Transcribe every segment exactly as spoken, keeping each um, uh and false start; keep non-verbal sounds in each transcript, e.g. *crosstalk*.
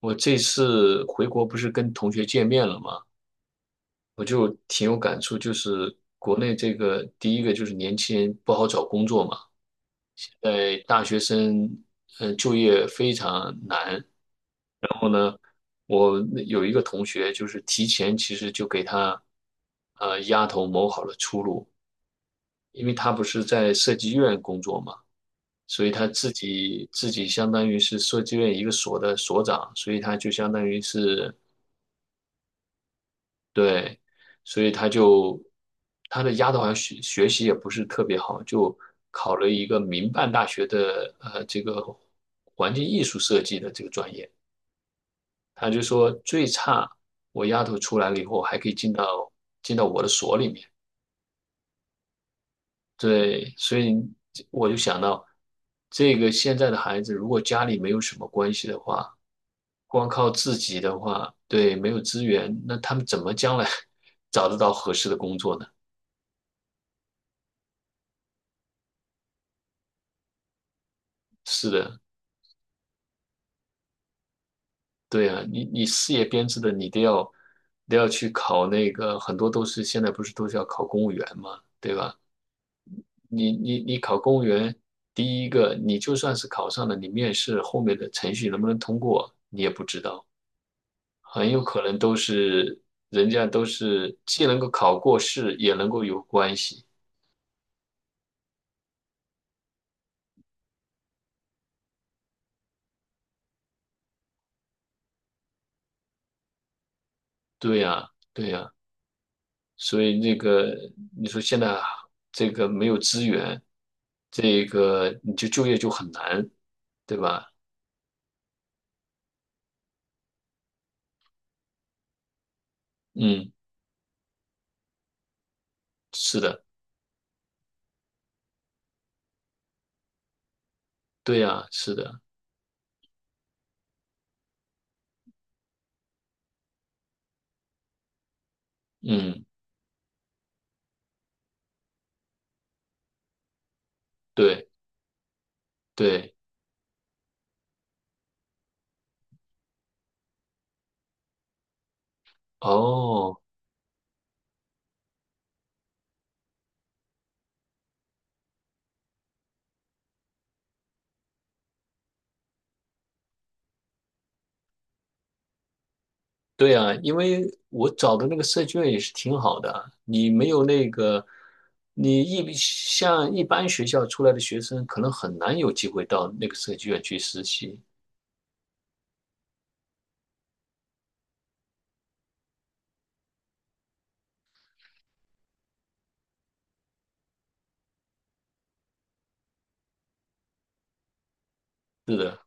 我这次回国不是跟同学见面了吗？我就挺有感触，就是国内这个第一个就是年轻人不好找工作嘛，呃，大学生呃就业非常难。然后呢，我有一个同学就是提前其实就给他呃丫头谋好了出路，因为他不是在设计院工作嘛，所以他自己自己相当于是设计院一个所的所长，所以他就相当于是。对，所以他就他的丫头好像学学习也不是特别好，就考了一个民办大学的呃这个环境艺术设计的这个专业。他就说最差我丫头出来了以后还可以进到进到我的所里面。对，所以我就想到这个现在的孩子，如果家里没有什么关系的话，光靠自己的话，对，没有资源，那他们怎么将来 *laughs* 找得到合适的工作呢？是的，对啊，你你事业编制的，你都要都要去考那个，很多都是现在不是都是要考公务员嘛，对吧？你你你考公务员，第一个你就算是考上了，你面试后面的程序能不能通过，你也不知道，很有可能都是人家都是既能够考过试，也能够有关系。对呀，对呀，所以那个你说现在这个没有资源，这个你就就业就很难，对吧？嗯，是的，对呀，是的，嗯，对对，哦，对呀，因为我找的那个设计院也是挺好的啊，你没有那个，你一像一般学校出来的学生，可能很难有机会到那个设计院去实习，是的，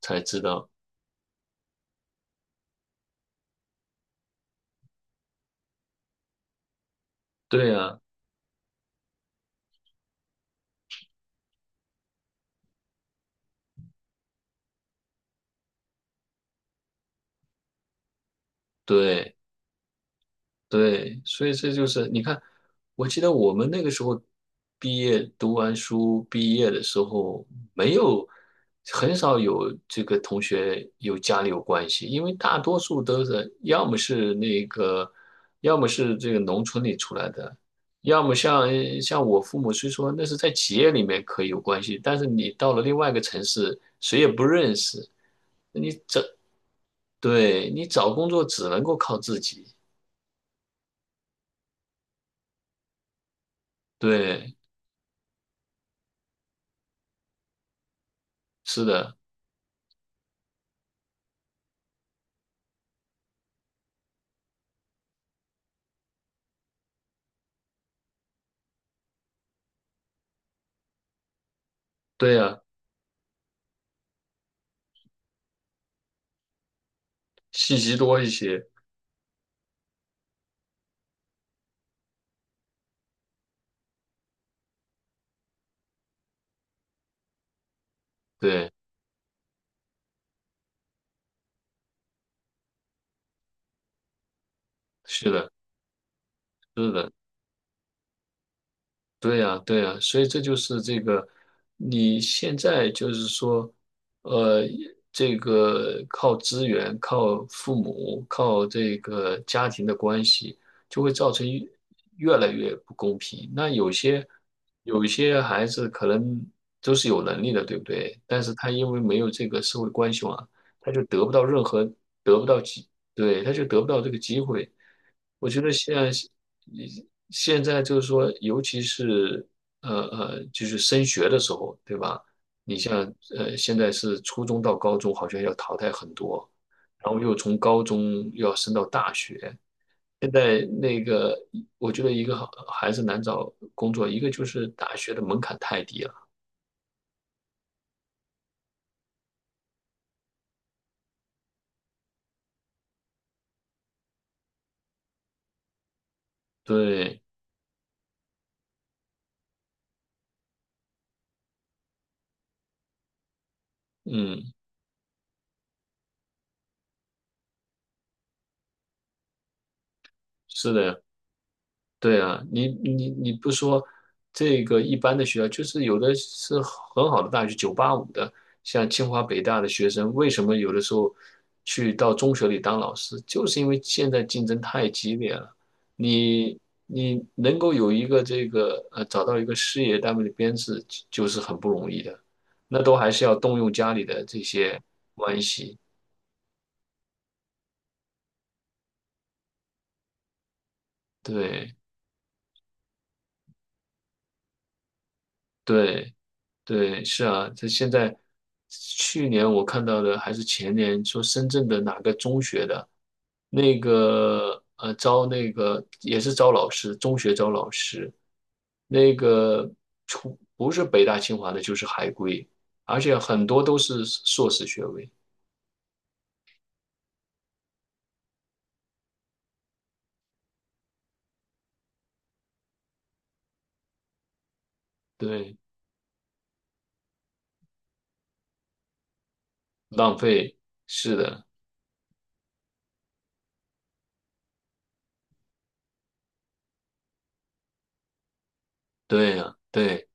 才知道，对呀，对。对，所以这就是你看，我记得我们那个时候毕业读完书毕业的时候，没有很少有这个同学有家里有关系，因为大多数都是要么是那个，要么是这个农村里出来的，要么像像我父母，虽说那是在企业里面可以有关系，但是你到了另外一个城市，谁也不认识，对，你找工作只能够靠自己，对，是的。对呀，信息多一些。对，是的，是的，对呀，对呀，所以这就是这个，你现在就是说，呃，这个靠资源、靠父母、靠这个家庭的关系，就会造成越越来越不公平。那有些有一些孩子可能都是有能力的，对不对？但是他因为没有这个社会关系网，他就得不到任何得不到机，对，他就得不到这个机会。我觉得现在现在就是说，尤其是呃呃，就是升学的时候，对吧？你像呃，现在是初中到高中，好像要淘汰很多，然后又从高中又要升到大学。现在那个，我觉得一个好还是难找工作，一个就是大学的门槛太低了。对，嗯，是的。对啊，你你你不说这个一般的学校，就是有的是很好的大学，九八五的，像清华北大的学生，为什么有的时候去到中学里当老师，就是因为现在竞争太激烈了。你你能够有一个这个呃找到一个事业单位的编制，就是很不容易的，那都还是要动用家里的这些关系。对对，对，是啊，这现在去年我看到的还是前年，说深圳的哪个中学的，那个呃招那个也是招老师，中学招老师，那个出不是北大清华的就是海归，而且很多都是硕士学位，对，浪费，是的，对呀，对。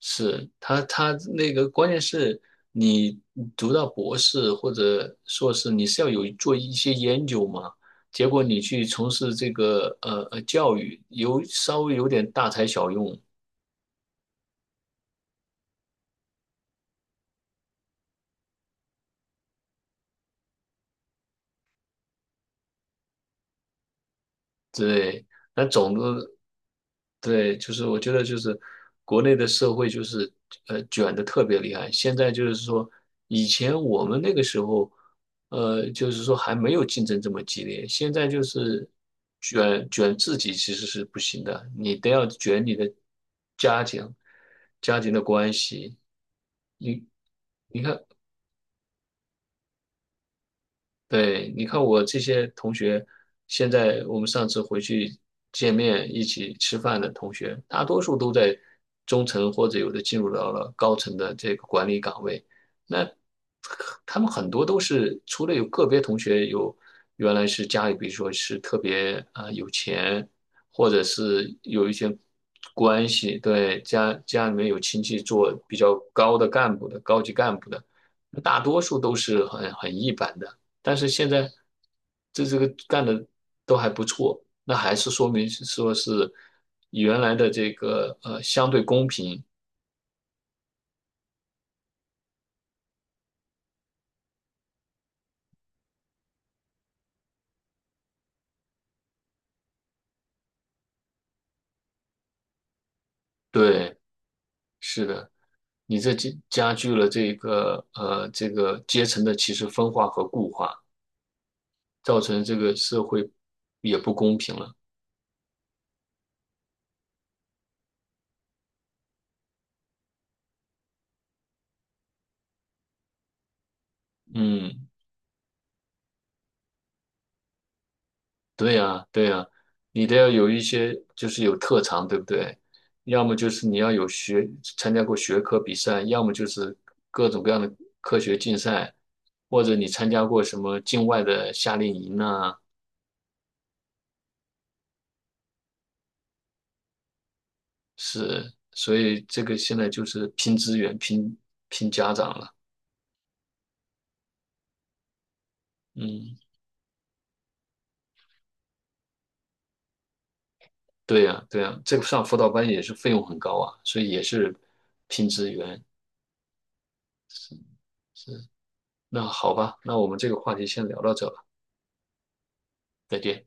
是他，他那个关键是你读到博士或者硕士，你是要有做一些研究嘛？结果你去从事这个呃呃教育，有稍微有点大材小用，对，那总的对，就是我觉得就是国内的社会就是呃卷的特别厉害。现在就是说，以前我们那个时候，呃，就是说还没有竞争这么激烈。现在就是卷卷自己其实是不行的，你都要卷你的家庭、家庭的关系。你你看，对，你看我这些同学，现在我们上次回去见面一起吃饭的同学，大多数都在中层或者有的进入到了高层的这个管理岗位。那他们很多都是，除了有个别同学有原来是家里，比如说是特别啊、呃有钱，或者是有一些关系，对，家家里面有亲戚做比较高的干部的高级干部的，大多数都是很很一般的。但是现在这这个干的都还不错，那还是说明是说是原来的这个呃相对公平，对，是的，你这加加剧了这个呃这个阶层的其实分化和固化，造成这个社会也不公平了，嗯。对呀，对呀，你得要有一些，就是有特长，对不对？要么就是你要有学，参加过学科比赛，要么就是各种各样的科学竞赛，或者你参加过什么境外的夏令营呐，是，所以这个现在就是拼资源、拼拼家长了。嗯，对呀，对呀，这个上辅导班也是费用很高啊，所以也是拼资源。是，那好吧，那我们这个话题先聊到这吧，再见。